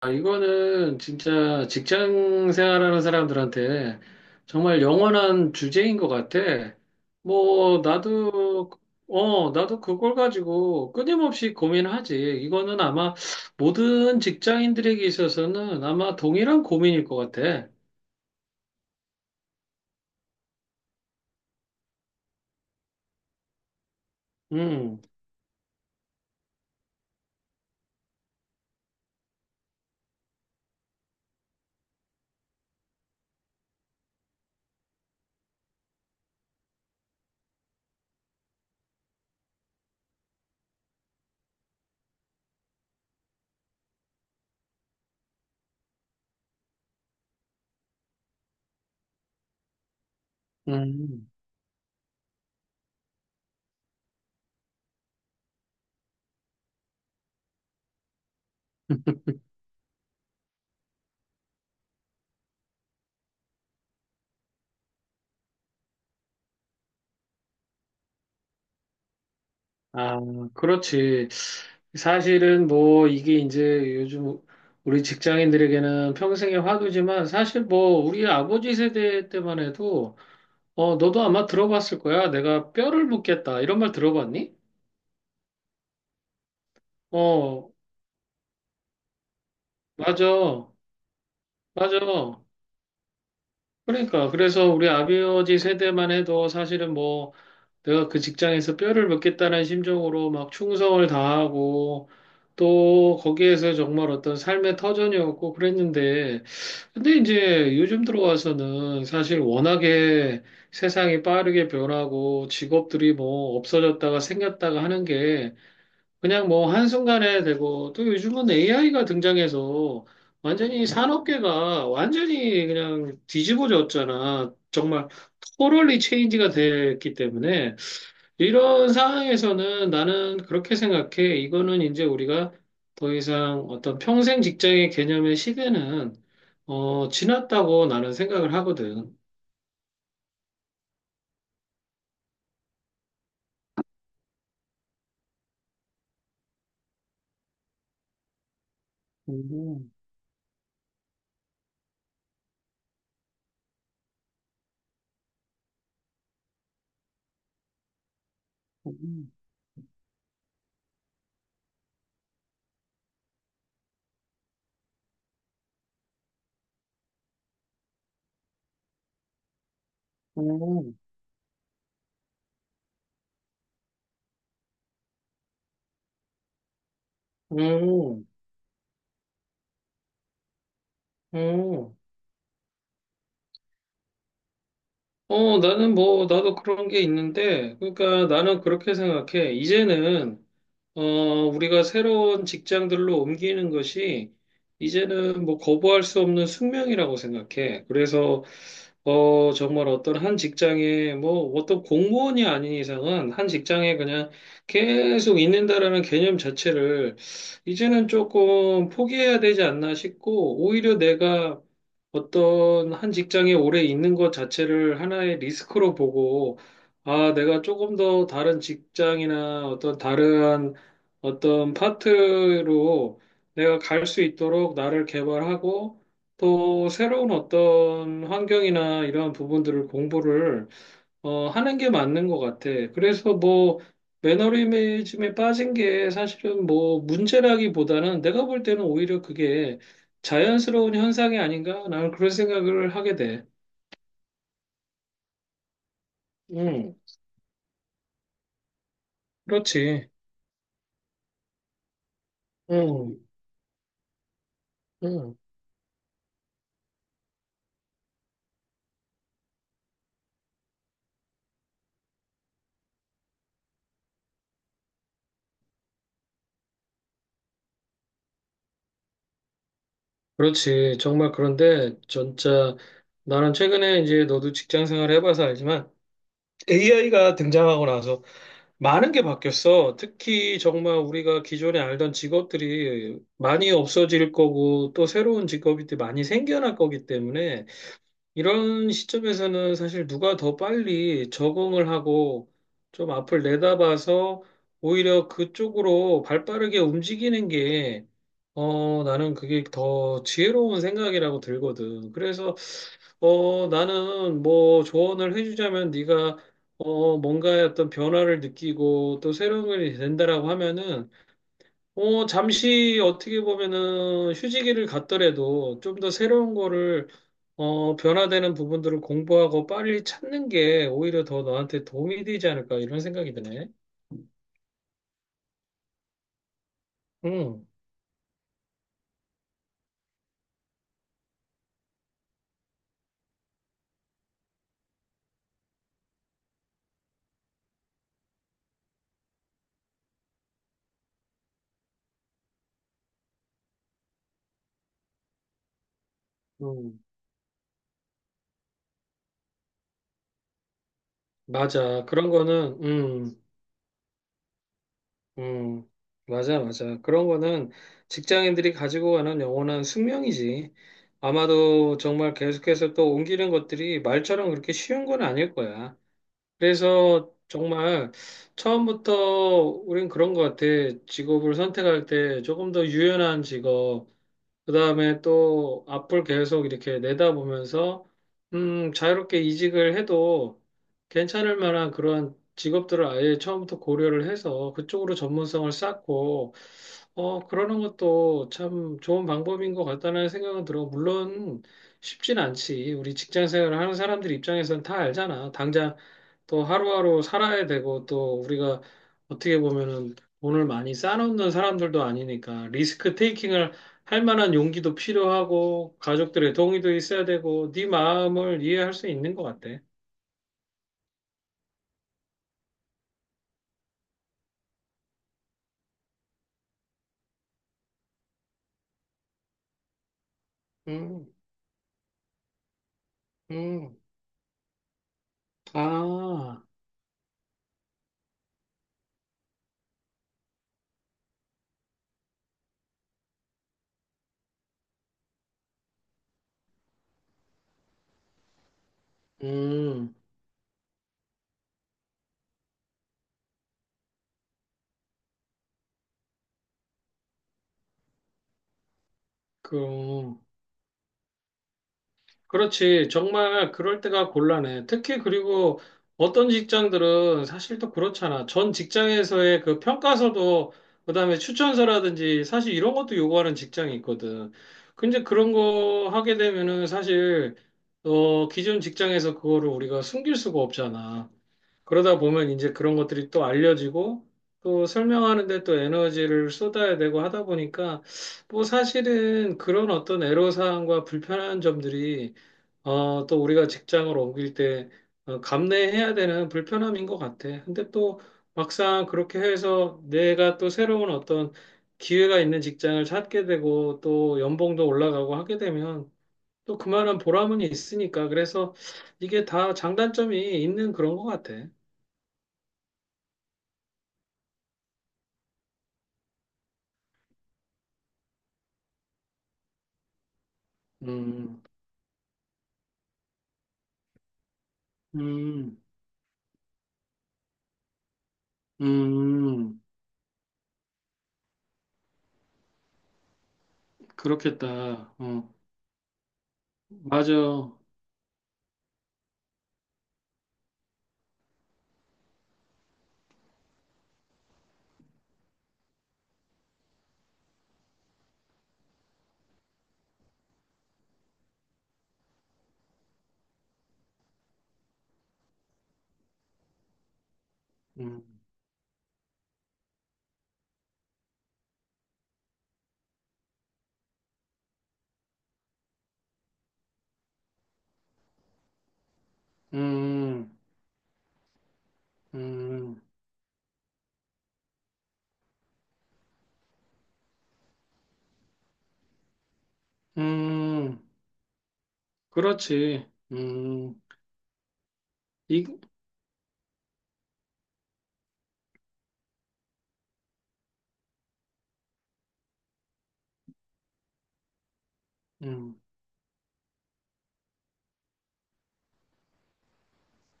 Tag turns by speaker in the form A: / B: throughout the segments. A: 아, 이거는 진짜 직장 생활하는 사람들한테 정말 영원한 주제인 것 같아. 뭐, 나도 그걸 가지고 끊임없이 고민하지. 이거는 아마 모든 직장인들에게 있어서는 아마 동일한 고민일 것 같아. 음, 음. 아, 그렇지. 사실은 뭐 이게 이제 요즘 우리 직장인들에게는 평생의 화두지만 사실 뭐 우리 아버지 세대 때만 해도 너도 아마 들어봤을 거야. 내가 뼈를 묻겠다. 이런 말 들어봤니? 어, 맞아. 맞아. 그러니까. 그래서 우리 아버지 세대만 해도 사실은 뭐 내가 그 직장에서 뼈를 묻겠다는 심정으로 막 충성을 다하고 또 거기에서 정말 어떤 삶의 터전이었고 그랬는데, 근데 이제 요즘 들어와서는 사실 워낙에 세상이 빠르게 변하고 직업들이 뭐 없어졌다가 생겼다가 하는 게 그냥 뭐 한순간에 되고, 또 요즘은 AI가 등장해서 완전히 산업계가 완전히 그냥 뒤집어졌잖아. 정말 토럴리 체인지가 됐기 때문에 이런 상황에서는 나는 그렇게 생각해. 이거는 이제 우리가 더 이상 어떤 평생 직장의 개념의 시대는 지났다고 나는 생각을 하거든. 음, 음, 음, 음, 음. 나는 뭐, 나도 그런 게 있는데, 그러니까 나는 그렇게 생각해. 이제는, 우리가 새로운 직장들로 옮기는 것이, 이제는 뭐, 거부할 수 없는 숙명이라고 생각해. 그래서, 정말 어떤 한 직장에, 뭐, 어떤 공무원이 아닌 이상은 한 직장에 그냥 계속 있는다라는 개념 자체를, 이제는 조금 포기해야 되지 않나 싶고, 오히려 내가 어떤 한 직장에 오래 있는 것 자체를 하나의 리스크로 보고, 아, 내가 조금 더 다른 직장이나 어떤 다른 어떤 파트로 내가 갈 수 있도록 나를 개발하고 또 새로운 어떤 환경이나 이러한 부분들을 공부를 하는 게 맞는 것 같아. 그래서 뭐, 매너리즘에 빠진 게 사실은 뭐, 문제라기보다는 내가 볼 때는 오히려 그게 자연스러운 현상이 아닌가? 나는 그런 생각을 하게 돼. 음, 그렇지. 음, 음, 그렇지. 정말 그런데, 진짜, 나는 최근에 이제 너도 직장 생활 해봐서 알지만, AI가 등장하고 나서 많은 게 바뀌었어. 특히 정말 우리가 기존에 알던 직업들이 많이 없어질 거고 또 새로운 직업이 또 많이 생겨날 거기 때문에 이런 시점에서는 사실 누가 더 빨리 적응을 하고 좀 앞을 내다봐서 오히려 그쪽으로 발빠르게 움직이는 게, 나는 그게 더 지혜로운 생각이라고 들거든. 그래서, 나는 뭐 조언을 해주자면 네가, 뭔가의 어떤 변화를 느끼고 또 새로운 걸 된다라고 하면은 잠시 어떻게 보면은 휴지기를 갖더라도 좀 더 새로운 거를, 변화되는 부분들을 공부하고 빨리 찾는 게 오히려 더 너한테 도움이 되지 않을까 이런 생각이 드네. 응, 응, 맞아. 그런 거는, 응, 응, 맞아, 맞아. 그런 거는 직장인들이 가지고 가는 영원한 숙명이지. 아마도 정말 계속해서 또 옮기는 것들이 말처럼 그렇게 쉬운 건 아닐 거야. 그래서 정말 처음부터 우린 그런 것 같아. 직업을 선택할 때 조금 더 유연한 직업, 그다음에 또 앞을 계속 이렇게 내다보면서 자유롭게 이직을 해도 괜찮을 만한 그런 직업들을 아예 처음부터 고려를 해서 그쪽으로 전문성을 쌓고 그러는 것도 참 좋은 방법인 것 같다는 생각은 들어. 물론 쉽진 않지. 우리 직장 생활을 하는 사람들 입장에서는 다 알잖아. 당장 또 하루하루 살아야 되고 또 우리가 어떻게 보면은 돈을 많이 쌓아놓는 사람들도 아니니까 리스크 테이킹을 할 만한 용기도 필요하고 가족들의 동의도 있어야 되고 네 마음을 이해할 수 있는 것 같아. 음, 음, 아, 음, 그, 그렇지. 정말 그럴 때가 곤란해. 특히 그리고 어떤 직장들은 사실 또 그렇잖아. 전 직장에서의 그 평가서도 그다음에 추천서라든지 사실 이런 것도 요구하는 직장이 있거든. 근데 그런 거 하게 되면은 사실 기존 직장에서 그거를 우리가 숨길 수가 없잖아. 그러다 보면 이제 그런 것들이 또 알려지고 또 설명하는데 또 에너지를 쏟아야 되고 하다 보니까 뭐 사실은 그런 어떤 애로사항과 불편한 점들이, 또 우리가 직장을 옮길 때 감내해야 되는 불편함인 것 같아. 근데 또 막상 그렇게 해서 내가 또 새로운 어떤 기회가 있는 직장을 찾게 되고 또 연봉도 올라가고 하게 되면 또 그만한 보람은 있으니까, 그래서 이게 다 장단점이 있는 그런 것 같아. 음, 음, 음, 그렇겠다. 어, 맞아. 음, 음, 음, 음, 그렇지. 이, 음,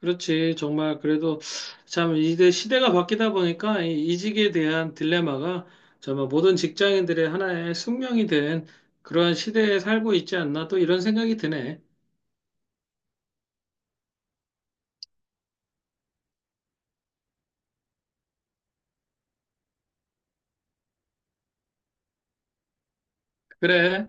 A: 그렇지. 정말 그래도 참 이제 시대가 바뀌다 보니까 이 이직에 대한 딜레마가 정말 모든 직장인들의 하나의 숙명이 된 그러한 시대에 살고 있지 않나 또 이런 생각이 드네. 그래.